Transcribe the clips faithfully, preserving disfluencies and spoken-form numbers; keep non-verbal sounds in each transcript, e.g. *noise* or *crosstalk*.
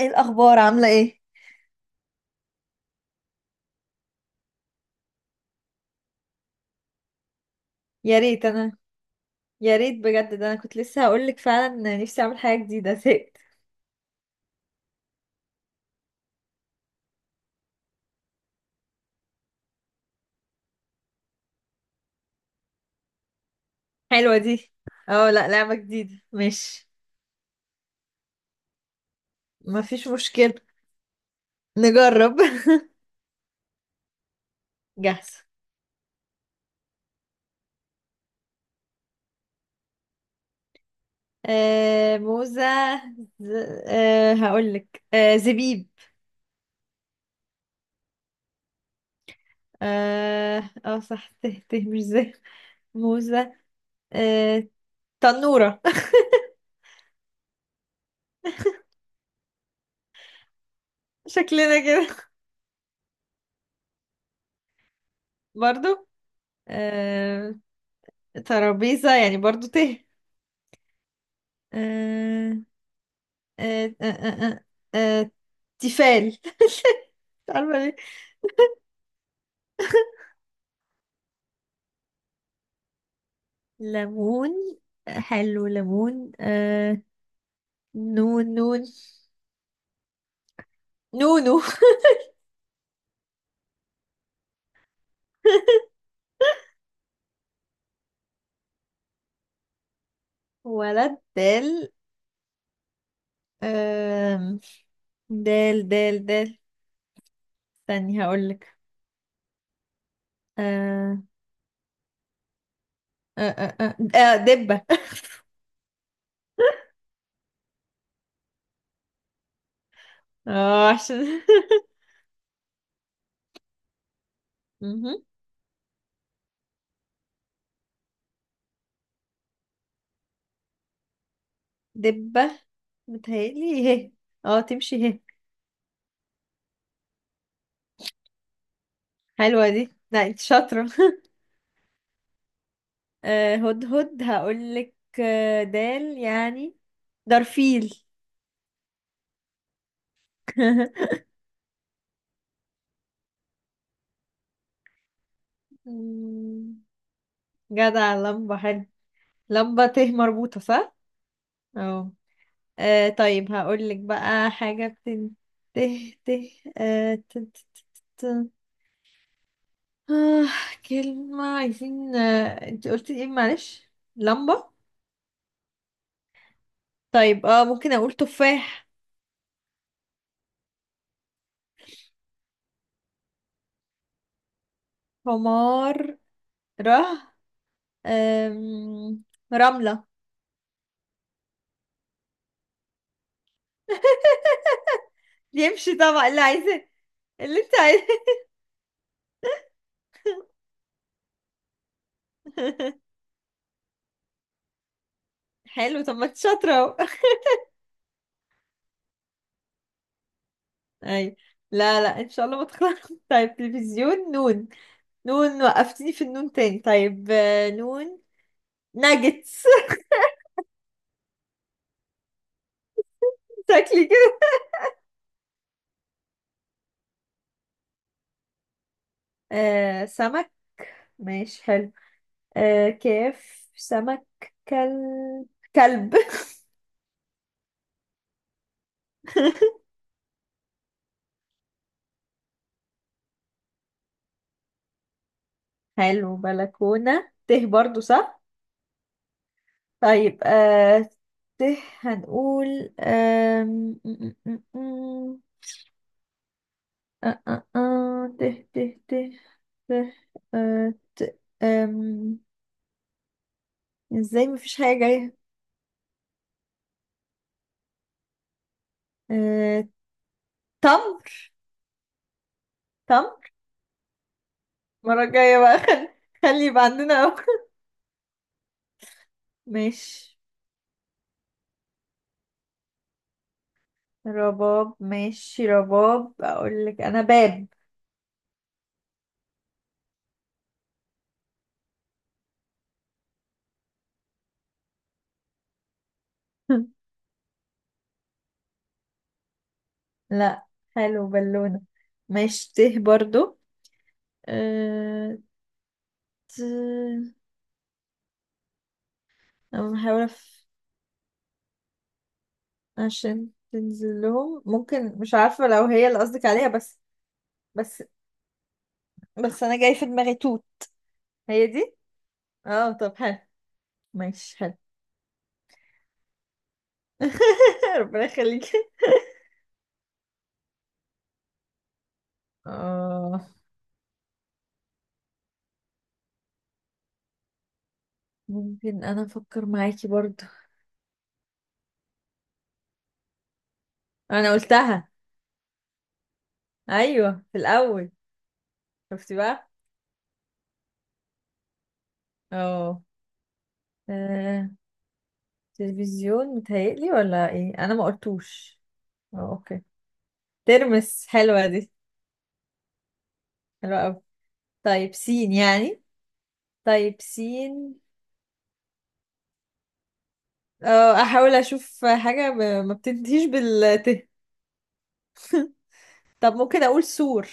ايه الاخبار عامله ايه؟ يا ريت انا، يا ريت بجد، ده انا كنت لسه هقولك فعلا نفسي اعمل حاجه جديده، زهقت. حلوه دي. اه لا، لعبه جديده ماشي. مفيش مشكله. نجرب *laughs* جاهزه. آه موزه. ز... آه هقولك آه زبيب. اه آه، صح، ته ته مش زي موزه. آه تنوره. *laughs* شكلنا كده. برضو. آه ترابيزه يعني، برضو ته. آه آه، آه، آه، آه، آه، تيفال. *laughs* مش عارفة ليه. ليمون. حلو، ليمون. آه نون نون، نونو. ولد، دال. آم، دال دال دال، استني هقولك. آه آه آه آه آه، دبة. اه عشان *laughs* مهم. دبة، متهيألي هي. اه تمشي هي. حلوة دي، لا انت شاطرة. آه، هدهد هقولك. آه، دال يعني درفيل. *laughs* مم، جدع، لمبة حلو. لمبة ت مربوطة صح؟ اه آه، طيب هقولك بقى حاجة بتن. ت ت آه، ت- ت- ت- ت- آه، كلمة عايزين. آه، انت قلتي ايه معلش؟ لمبة. طيب اه ممكن اقول تفاح. حمار، ره. آم، رملة. يمشي طبعا، اللي عايزاه، اللي انت عايزاه. *laughs* حلو، طب ما انت شاطرة اهو. اي، لا لا ان شاء الله ما تخلص *laughs* طيب تلفزيون، نون. نون وقفتني في النون تاني. طيب آه، نون ناجتس. *laughs* تاكلي كده. آه سمك. ماشي حلو. آه كيف سمك؟ كلب، كلب. *laughs* حلو بلكونة، ته برضو صح. طيب آه ته هنقول، آه آه آه آه ته ته ته ته آه ت. آم. ازاي مفيش حاجة جاية؟ آه تمر. تمر، المرة الجاية بقى خلي، خلي يبقى عندنا أوي. ماشي، رباب. ماشي رباب، أقول لك أنا باب. *laughs* لا، حلو بالونة. ماشي ته برضو. آه ت. أنا بحاول أف- عشان تنزل لهم. ممكن، مش عارفة لو هي اللي قصدك عليها، بس بس بس أنا جاي في دماغي توت. هي دي. اه، طب حلو. ماشي حلو. *laughs* ربنا يخليك. اه ممكن انا افكر معاكي برضو. انا قلتها، ايوه في الاول. شفتي بقى. اه آه، تلفزيون متهيألي ولا ايه، انا ما قلتوش؟ اه اوكي. ترمس، حلوه دي، حلوه قوي. طيب سين يعني. طيب سين. اه احاول اشوف حاجه ب- ما بتنتهيش بالت. طب ممكن اقول سور.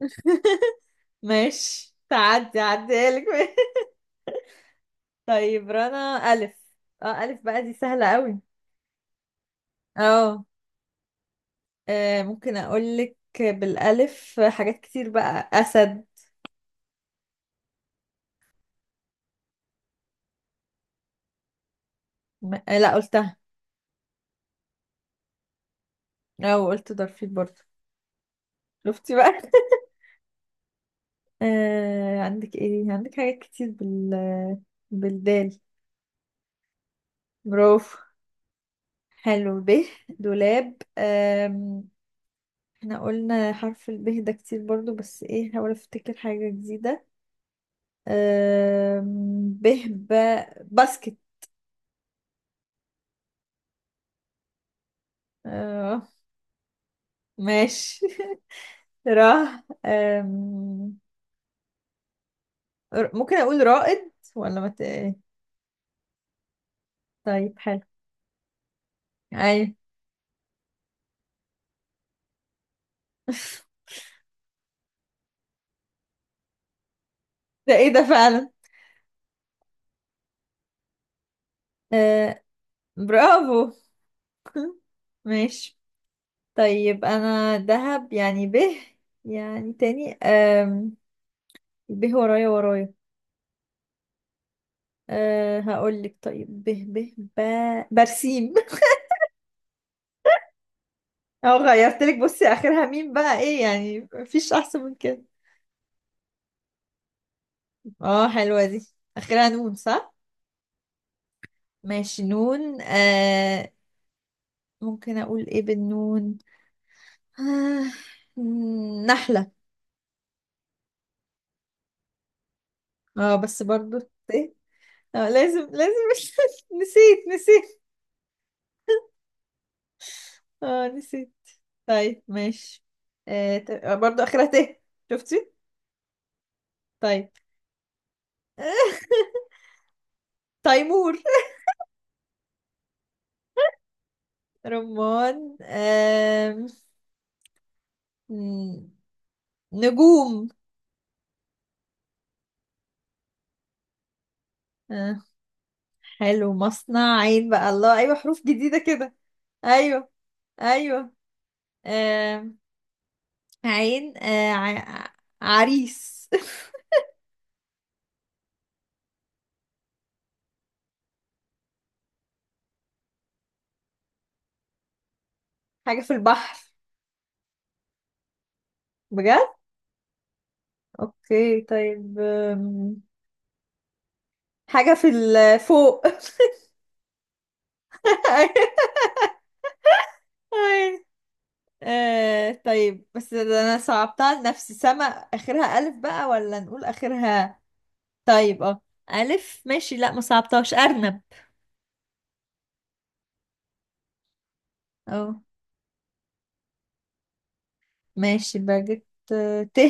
*laughs* ماشي، تعدي عديلك. *laughs* طيب رنا، ألف. اه ألف بقى دي سهلة قوي. اه آه، ممكن أقولك بالألف حاجات كتير، بقى أسد. م... آه، لا قلتها. اه قلت درفيل برضه. شفتي بقى. *laughs* آه عندك ايه، عندك حاجات كتير بال، بالدال. برافو. حلو ب، دولاب. آم، احنا قلنا حرف الب ده كتير برضو، بس ايه، هحاول افتكر حاجة جديدة. أم، به ب، باسكت. أه ماشي. *laughs* راه. أم، ر- ممكن أقول رائد، ولا ما ت-؟ طيب حلو. أيوة. *laughs* ده إيه ده فعلا؟ أه برافو. *laughs* ماشي. طيب أنا دهب يعني به، يعني تاني. أم، به ورايا ورايا. أه هقول لك، طيب به به ب... برسيم. *laughs* اه غيرتلك، بصي اخرها مين بقى ايه، يعني مفيش احسن من كده. اه حلوة دي، اخرها نون صح. ماشي نون. آه ممكن اقول ايه بالنون؟ آه نحلة. اه بس برضو ايه، اه لازم لازم. *laughs* نسيت نسيت. اه نسيت. طيب ماشي، آه ت- آه، برضو اخرها ت. شفتي؟ طيب. *laughs* تيمور. رمان. آم، نجوم. آه. حلو مصنع، عين بقى، الله ايوه حروف جديدة كده. ايوه ايوه. آه عين، آه ع... عريس. *laughs* حاجة في البحر. بجد؟ اوكي طيب. آم، حاجة في ال- فوق. *laughs* أيوة. آه طيب، بس ده انا صعبتها لنفسي سما، اخرها الف بقى ولا نقول اخرها؟ طيب اه الف ماشي، لا ما صعبتهاش، ارنب. اه ماشي باجت. آه، ت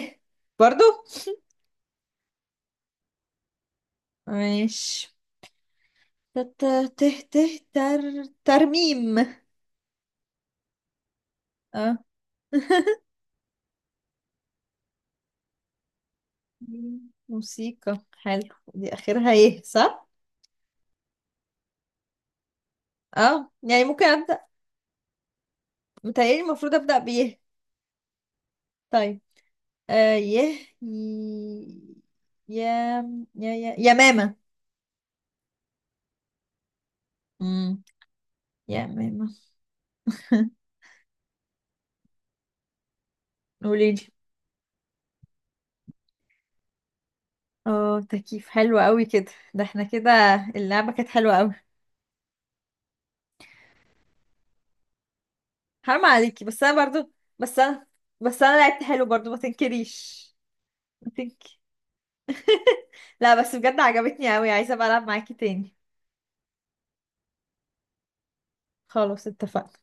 برضو. ماشي. ت ت ت ت تر، ترميم. اه *laughs* مم. موسيقى حلو، دي اخرها ايه صح. اه يعني ممكن ابدا، متهيألي المفروض ابدا بيه. طيب آه يه ي- يا يا يا يا ماما. امم يا ماما. *laughs* قوليلي. اه تكييف حلو قوي كده، ده احنا كده اللعبة كانت حلوة قوي. حرام عليكي، بس انا برضو، بس انا بس انا لعبت حلو برضو ما تنكريش. ما تنك... *laughs* لا بس بجد عجبتني قوي، عايزه بقى العب معاكي تاني. خلاص اتفقنا.